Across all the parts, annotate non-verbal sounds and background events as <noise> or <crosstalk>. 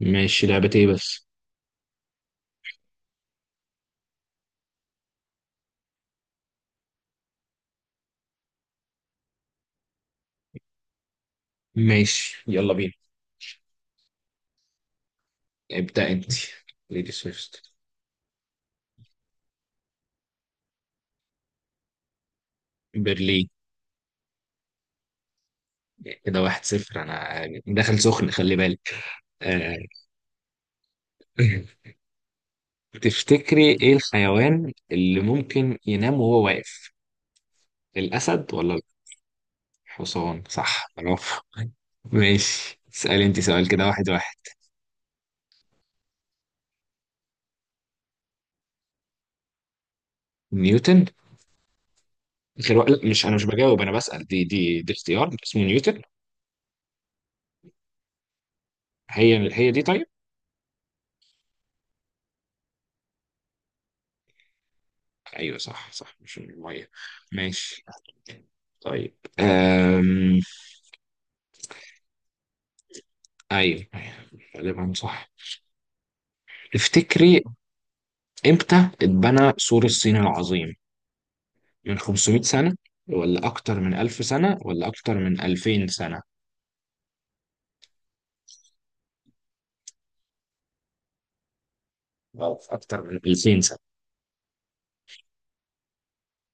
ماشي، لعبة ايه بس؟ ماشي يلا بينا. ابدأ انت. ليديز فيرست. برلين. كده واحد صفر، انا داخل سخن خلي بالك. آه. <laughs> تفتكري ايه الحيوان اللي ممكن ينام وهو واقف؟ الاسد ولا الحصان؟ صح، برافو. ماشي اسألي انت سؤال، كده واحد واحد. نيوتن. غير لا مش انا، مش بجاوب انا بسأل، دي اختيار اسمه نيوتن. هي هي دي طيب. ايوه صح صح، مش الميه. ماشي. طيب أيوه غالبا صح. تفتكري إمتى اتبنى سور الصين العظيم؟ من 500 سنة ولا أكتر من 1000 سنة ولا أكتر من 2000 سنة؟ أو أكتر من 2000 سنة.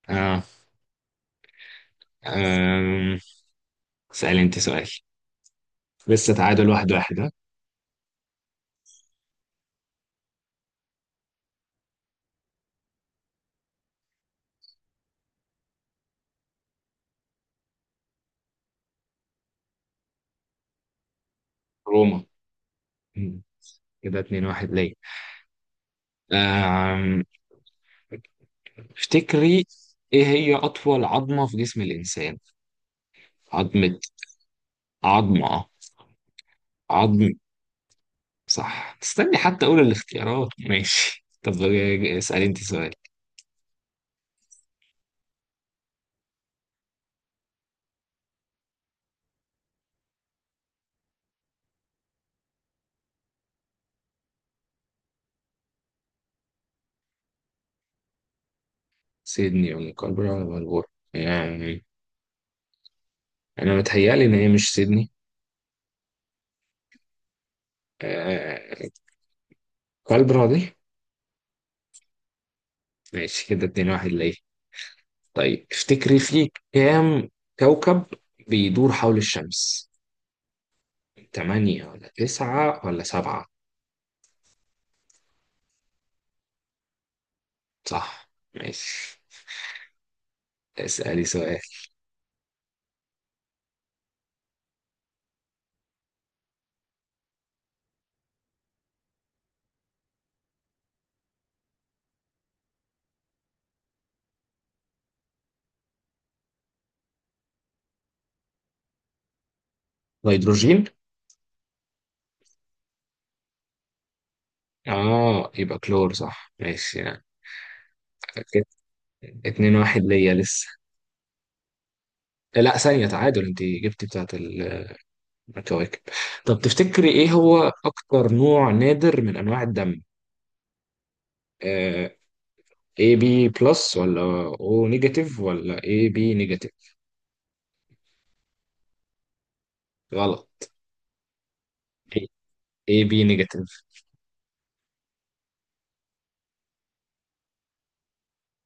آه. أم... سألي أنت سؤال. لسه تعادل واحد واحد ها؟ روما. مم. كده اتنين واحد ليه. أم... تفتكري إيه هي أطول عظمة في جسم الإنسان؟ عظمة. عظمة. عظمة. صح، استني حتى أقول الاختيارات. ماشي طب، اسألي أنت سؤال. سيدني ولا كالبرا ولا ملبورن؟ يعني أنا متهيألي إن هي مش سيدني. آه... كالبرا دي. ماشي، كده اتنين واحد ليه. طيب افتكري، في كام كوكب بيدور حول الشمس؟ تمانية ولا تسعة ولا سبعة؟ صح. ماشي اسألي سؤال. الهيدروجين. اه يبقى كلور، صح ماشي يعني. كده اتنين واحد ليا لسه. لا ثانية، تعادل، انت جبتي بتاعت الكواكب. طب تفتكري ايه هو اكتر نوع نادر من انواع الدم؟ آه AB بلس ولا O نيجاتيف ولا AB نيجاتيف؟ غلط. AB نيجاتيف.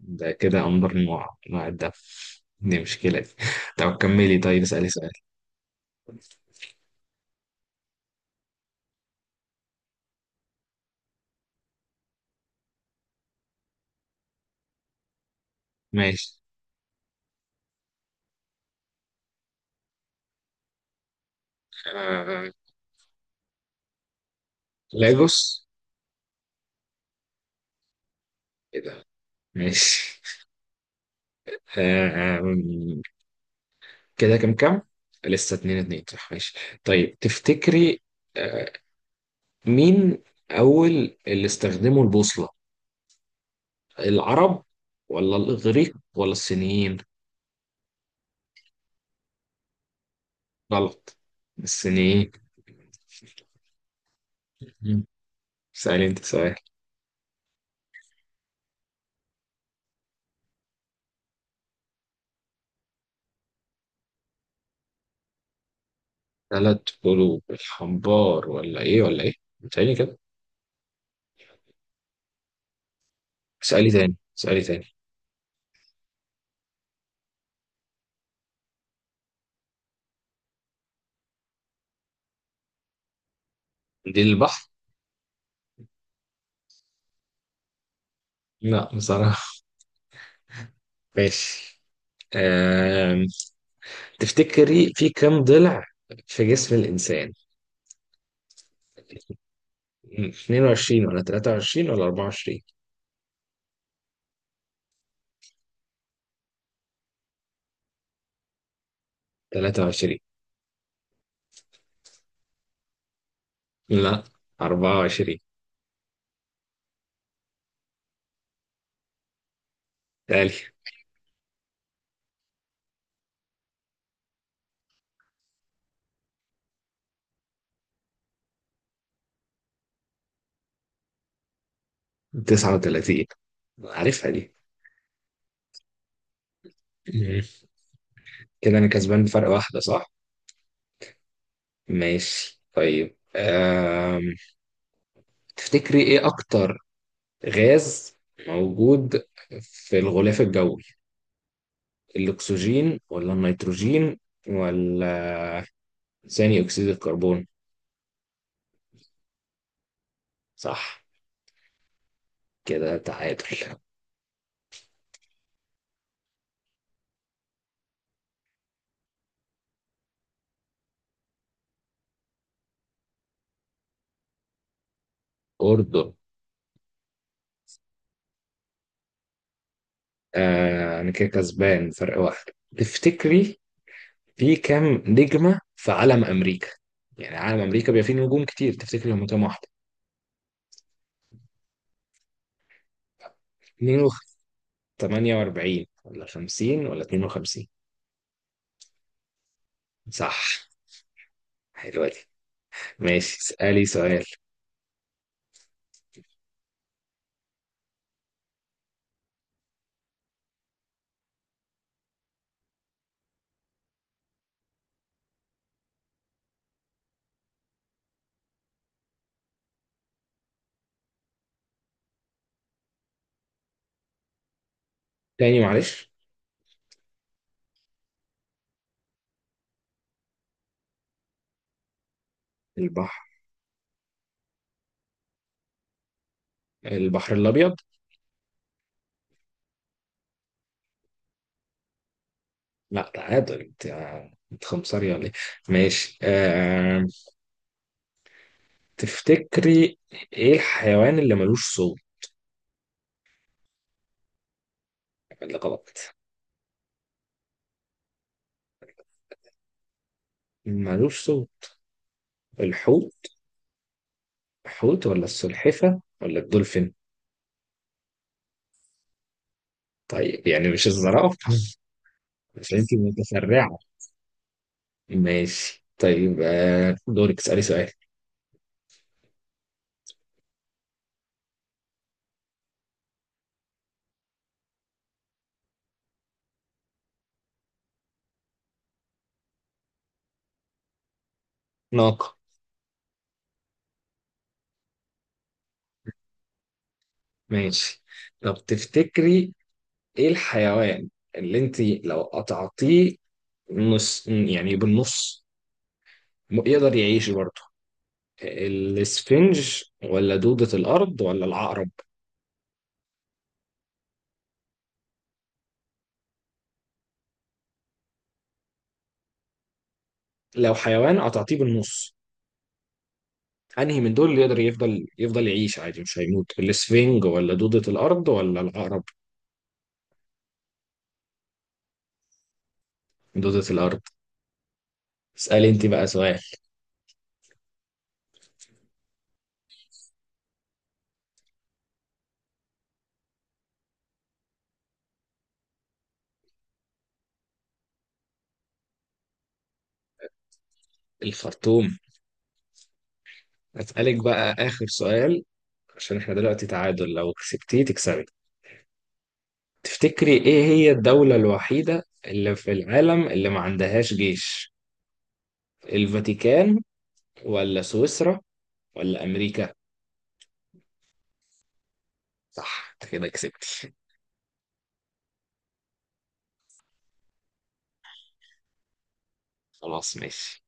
ده كده اندر نوع الدم دي، مشكلة دي. طب كملي، طيب اسألي سؤال. ماشي. آه لاجوس. ايه ده. ماشي. آه آم، كده كم كم؟ لسه اتنين اتنين صح، ماشي. طيب تفتكري، آه، مين أول اللي استخدموا البوصلة؟ العرب ولا الإغريق ولا الصينيين؟ غلط، الصينيين. مم. اسألي أنت سؤال. تلات قلوب، الحنبار ولا إيه ولا إيه؟ اسألي كده. اسألي تاني اسألي تاني. دي البحر؟ لا بصراحة. ماشي. أم... تفتكري في كم ضلع في جسم الإنسان؟ مم. 22 ولا 23 ولا 24؟ 23. لا، 24. تالي. 39، عارفها دي. مم. كده انا كسبان بفرق واحدة صح. ماشي طيب، تفتكري ايه اكتر غاز موجود في الغلاف الجوي؟ الاكسجين ولا النيتروجين ولا ثاني اكسيد الكربون؟ صح، كده تعادل. اردن. آه انا كده كسبان فرق واحد. تفتكري في كام نجمة في علم امريكا؟ يعني علم امريكا بيبقى فيه نجوم كتير، تفتكري هم كام واحدة؟ 48 ولا 50 ولا 52؟ صح، حلوة دي. ماشي اسألي سؤال. تاني معلش. البحر، البحر الأبيض. لا تعادل انت، انت خمسري ولا ايه؟ ماشي. تفتكري ايه الحيوان اللي ملوش صوت؟ اللي غلط. ملوش صوت. الحوت. الحوت ولا السلحفة ولا الدولفين؟ طيب يعني مش الزرافة. <laughs> مش انت متسرعة. ماشي طيب، دورك اسألي سؤال. ناقة. ماشي. طب تفتكري ايه الحيوان اللي انت لو قطعتيه نص، يعني بالنص، يقدر يعيش برضه؟ الاسفنج ولا دودة الارض ولا العقرب؟ لو حيوان قطعتيه بالنص، انهي من دول اللي يقدر يفضل يعيش عادي مش هيموت؟ الاسفنج ولا دودة الارض ولا العقرب؟ دودة الارض. اسألي انت بقى سؤال. الخرطوم. اسألك بقى اخر سؤال، عشان احنا دلوقتي تعادل، لو كسبتيه تكسبي. تفتكري ايه هي الدولة الوحيدة اللي في العالم اللي ما عندهاش جيش؟ الفاتيكان ولا سويسرا ولا امريكا؟ صح، انت كده كسبتي. خلاص ماشي.